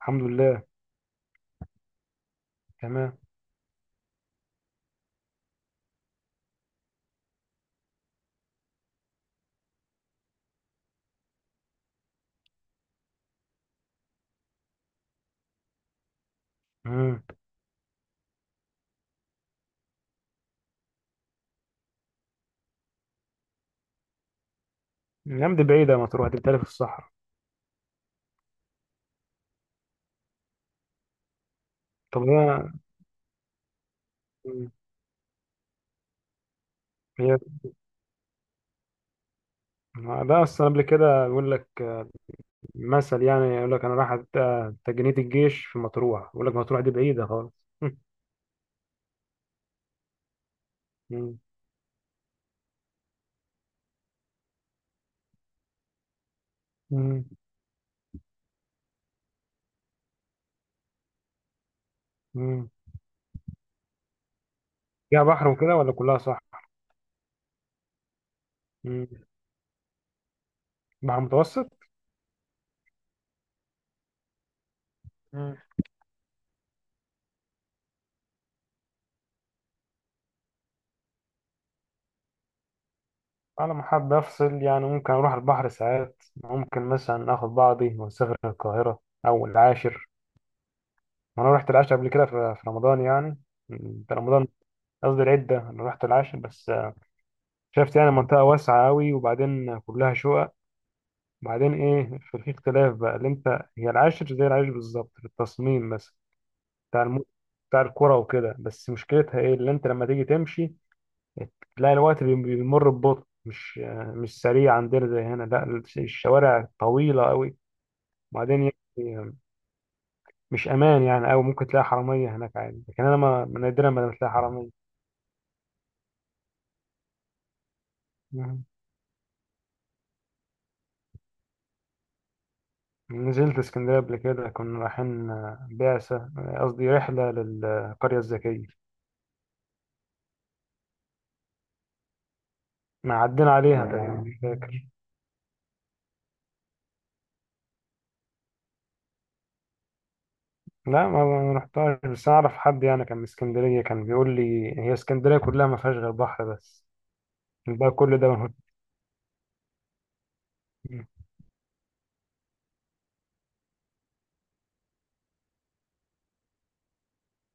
الحمد لله. تمام. امم الأيام دي بعيدة، ما تروح دي بتالي في الصحراء. طب أنا. مم. هي، ده أصلا قبل كده يقول لك مثل يعني يقول لك أنا رايح تجنيد الجيش في مطروح، يقول لك مطروح دي بعيدة خالص. مم. مم. مم. فيها بحر وكده ولا كلها صح؟ مم. بحر متوسط؟ مم. أنا لما حابب أفصل يعني ممكن أروح البحر ساعات، ممكن مثلا آخد بعضي وأسافر القاهرة أو العاشر. وأنا رحت العاشر قبل كده في رمضان يعني في رمضان. قصدي العدة، أنا رحت العاشر بس شفت يعني منطقة واسعة أوي، وبعدين كلها شقق. وبعدين إيه؟ في اختلاف بقى اللي أنت. هي العاشر زي العاشر بالظبط في التصميم، بس بتاع بتاع الكرة وكده. بس مشكلتها إيه اللي أنت لما تيجي تمشي تلاقي الوقت بيمر ببطء، مش مش سريع عندنا زي هنا. لا الشوارع طويلة أوي، وبعدين يعني مش أمان يعني أوي، ممكن تلاقي حرامية هناك عادي، لكن أنا ما نادرا ما بتلاقي حرامية. نزلت اسكندرية قبل كده، كنا رايحين بعثة قصدي رحلة للقرية الذكية. ما عدينا عليها تقريبا، مش فاكر. لا ما رحتهاش، بس أنا أعرف حد يعني كان من اسكندرية، كان بيقول لي هي اسكندرية كلها ما فيهاش غير بحر بس، بقى كل ده منهوش. فيه.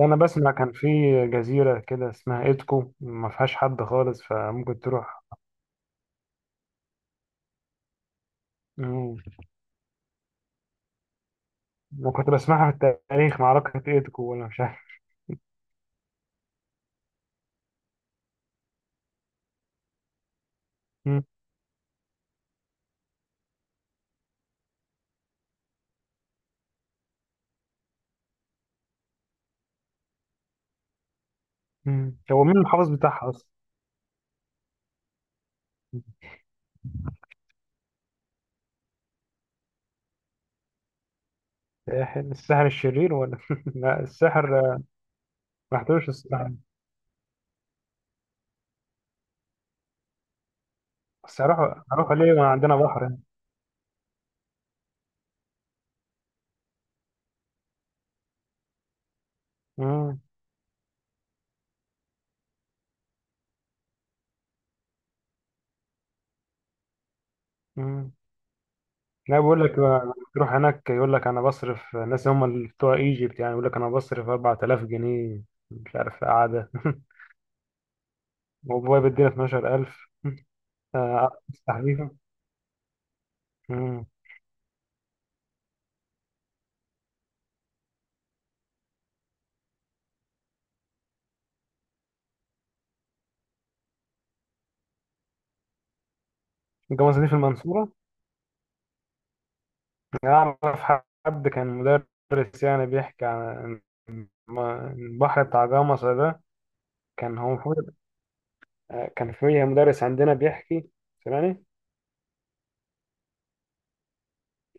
أنا بسمع كان في جزيرة كده اسمها إيدكو، ما فيهاش حد خالص، فممكن تروح. مم. وكنت بسمعها في التاريخ، معركة إيدكو ولا مش عارف. مم. مم. هو مين المحافظ بتاعها أصلا؟ الساحل الشرير، ولا لا الساحر. ما رحتوش الصراحة. بس هروح ليه؟ ما عندنا بحر يعني. مم. مم. لا بيقول لك تروح هناك، يقول لك انا بصرف الناس، هم اللي بتوع ايجيبت يعني. يقول لك انا بصرف 4000 جنيه، مش عارف قعدة وبابايا بيدينا 12000. آه، تحريفة. مم. جوازني في المنصورة. أعرف حد كان مدرس يعني بيحكي عن الم- البحر بتاع جمصة ده. كان هو المفروض كان في مدرس عندنا بيحكي، سمعني.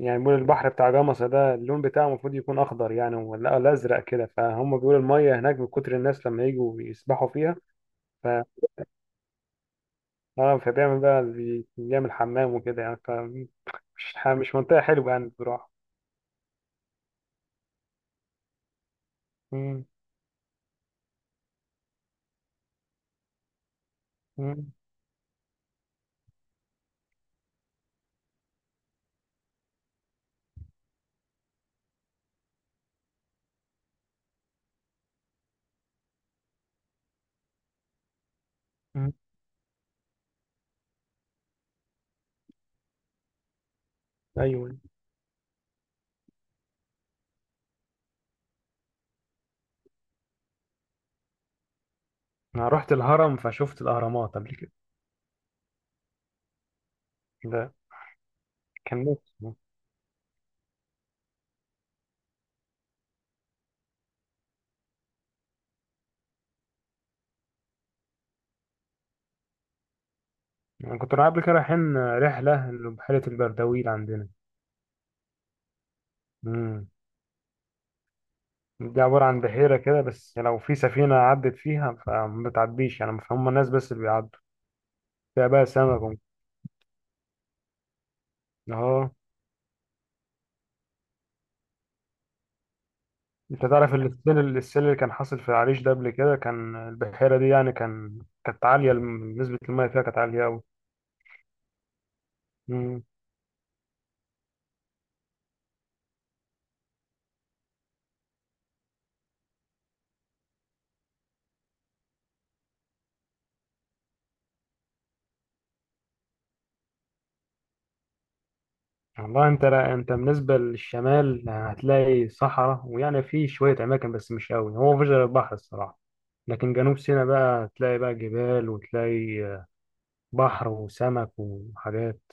يعني بيقول البحر بتاع جمصة ده اللون بتاعه المفروض يكون أخضر يعني، ولا أزرق كده، فهم بيقولوا المية هناك من كتر الناس لما يجوا يسبحوا فيها، ف فبيعمل بقى بيعمل حمام وكده يعني، ف مش مش منطقة حلوة يعني بصراحة. مم، مم، مم. أيوة. أنا رحت الهرم فشفت الأهرامات قبل كده. ده كان نفسي. أنا كنت قبل كده رايحين رحلة لبحيرة البردويل عندنا. مم. دي عبارة عن بحيرة كده، بس لو في سفينة عدت فيها فما بتعديش يعني، هم الناس بس اللي بيعدوا فيها، بقى سمك اه. انت تعرف السيل اللي كان حاصل في العريش ده؟ قبل كده كان البحيرة دي يعني كان، كانت عالية نسبة المية فيها كانت عالية أوي. مم. والله انت، لا انت بالنسبة للشمال هتلاقي صحراء ويعني في شوية أماكن، بس مش أوي. هو مفيش غير البحر الصراحة، لكن جنوب سيناء بقى هتلاقي بقى جبال وتلاقي بحر وسمك وحاجات.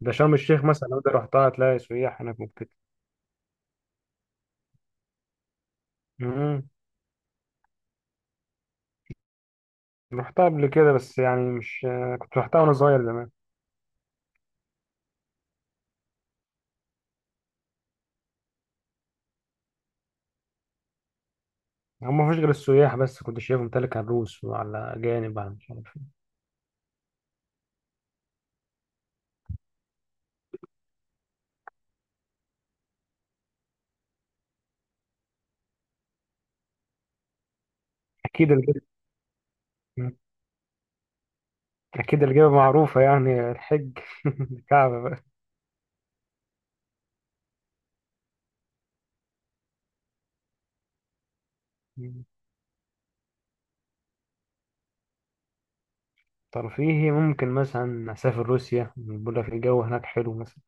ده شرم الشيخ مثلا لو انت رحتها هتلاقي سياح هناك ممكن. امم رحتها قبل كده بس يعني مش، كنت رحتها وانا صغير زمان. هم ما فيش غير السياح بس، كنت شايفهم تلك على الروس وعلى اجانب على مش عارف إيه. اكيد الجبل. مم. اكيد الجبل معروفه يعني الحج الكعبه بقى. مم. ترفيهي ممكن مثلا اسافر روسيا، بيقول لك الجو هناك حلو مثلا.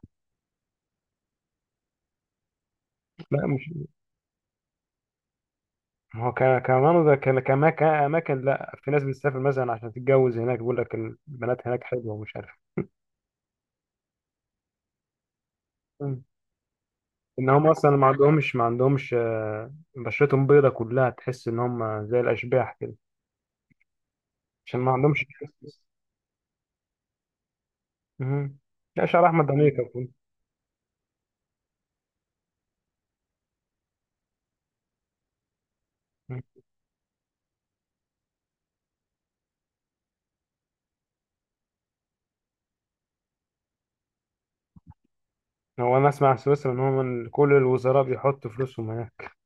لا مش، ما هو كمان ده كاماكن، لا في ناس بتسافر مثلا عشان تتجوز هناك، بيقول لك البنات هناك حلوه ومش عارف ان هم اصلا ما عندهمش بشرتهم بيضة كلها، تحس ان هم زي الاشباح كده عشان ما عندهمش تحسس. مهم. لا شعر احمد امريكا يكون. هو انا اسمع سويسرا ان هم كل الوزراء بيحطوا فلوسهم هناك.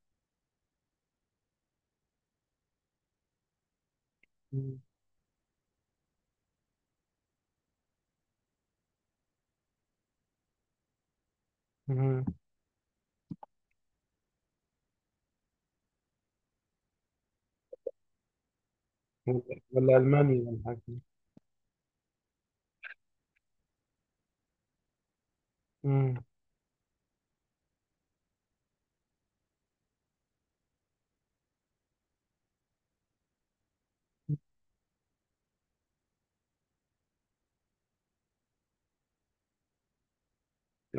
مهم. ولا المانيا ولا حاجه. مم.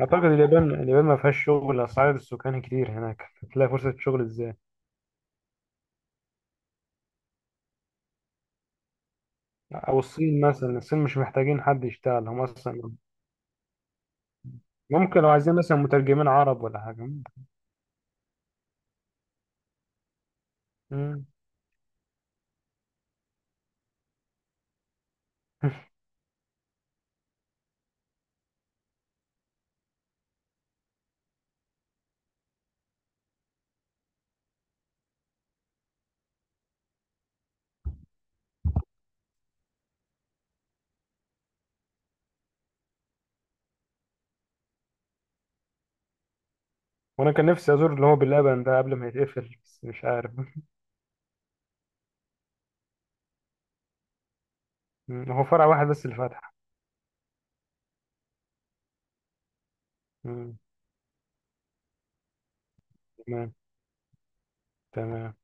اعتقد اليابان، اليابان ما فيهاش شغل، اسعار السكان كتير هناك هتلاقي فرصه شغل ازاي. او الصين مثلا، الصين مش محتاجين حد يشتغل هم اصلا. ممكن لو عايزين مثلا مترجمين عرب ولا حاجه. مم. وانا كان نفسي ازور اللي هو باللبن ده قبل ما يتقفل، بس مش عارف. مم. هو فرع واحد بس اللي فتح. مم. تمام. تمام.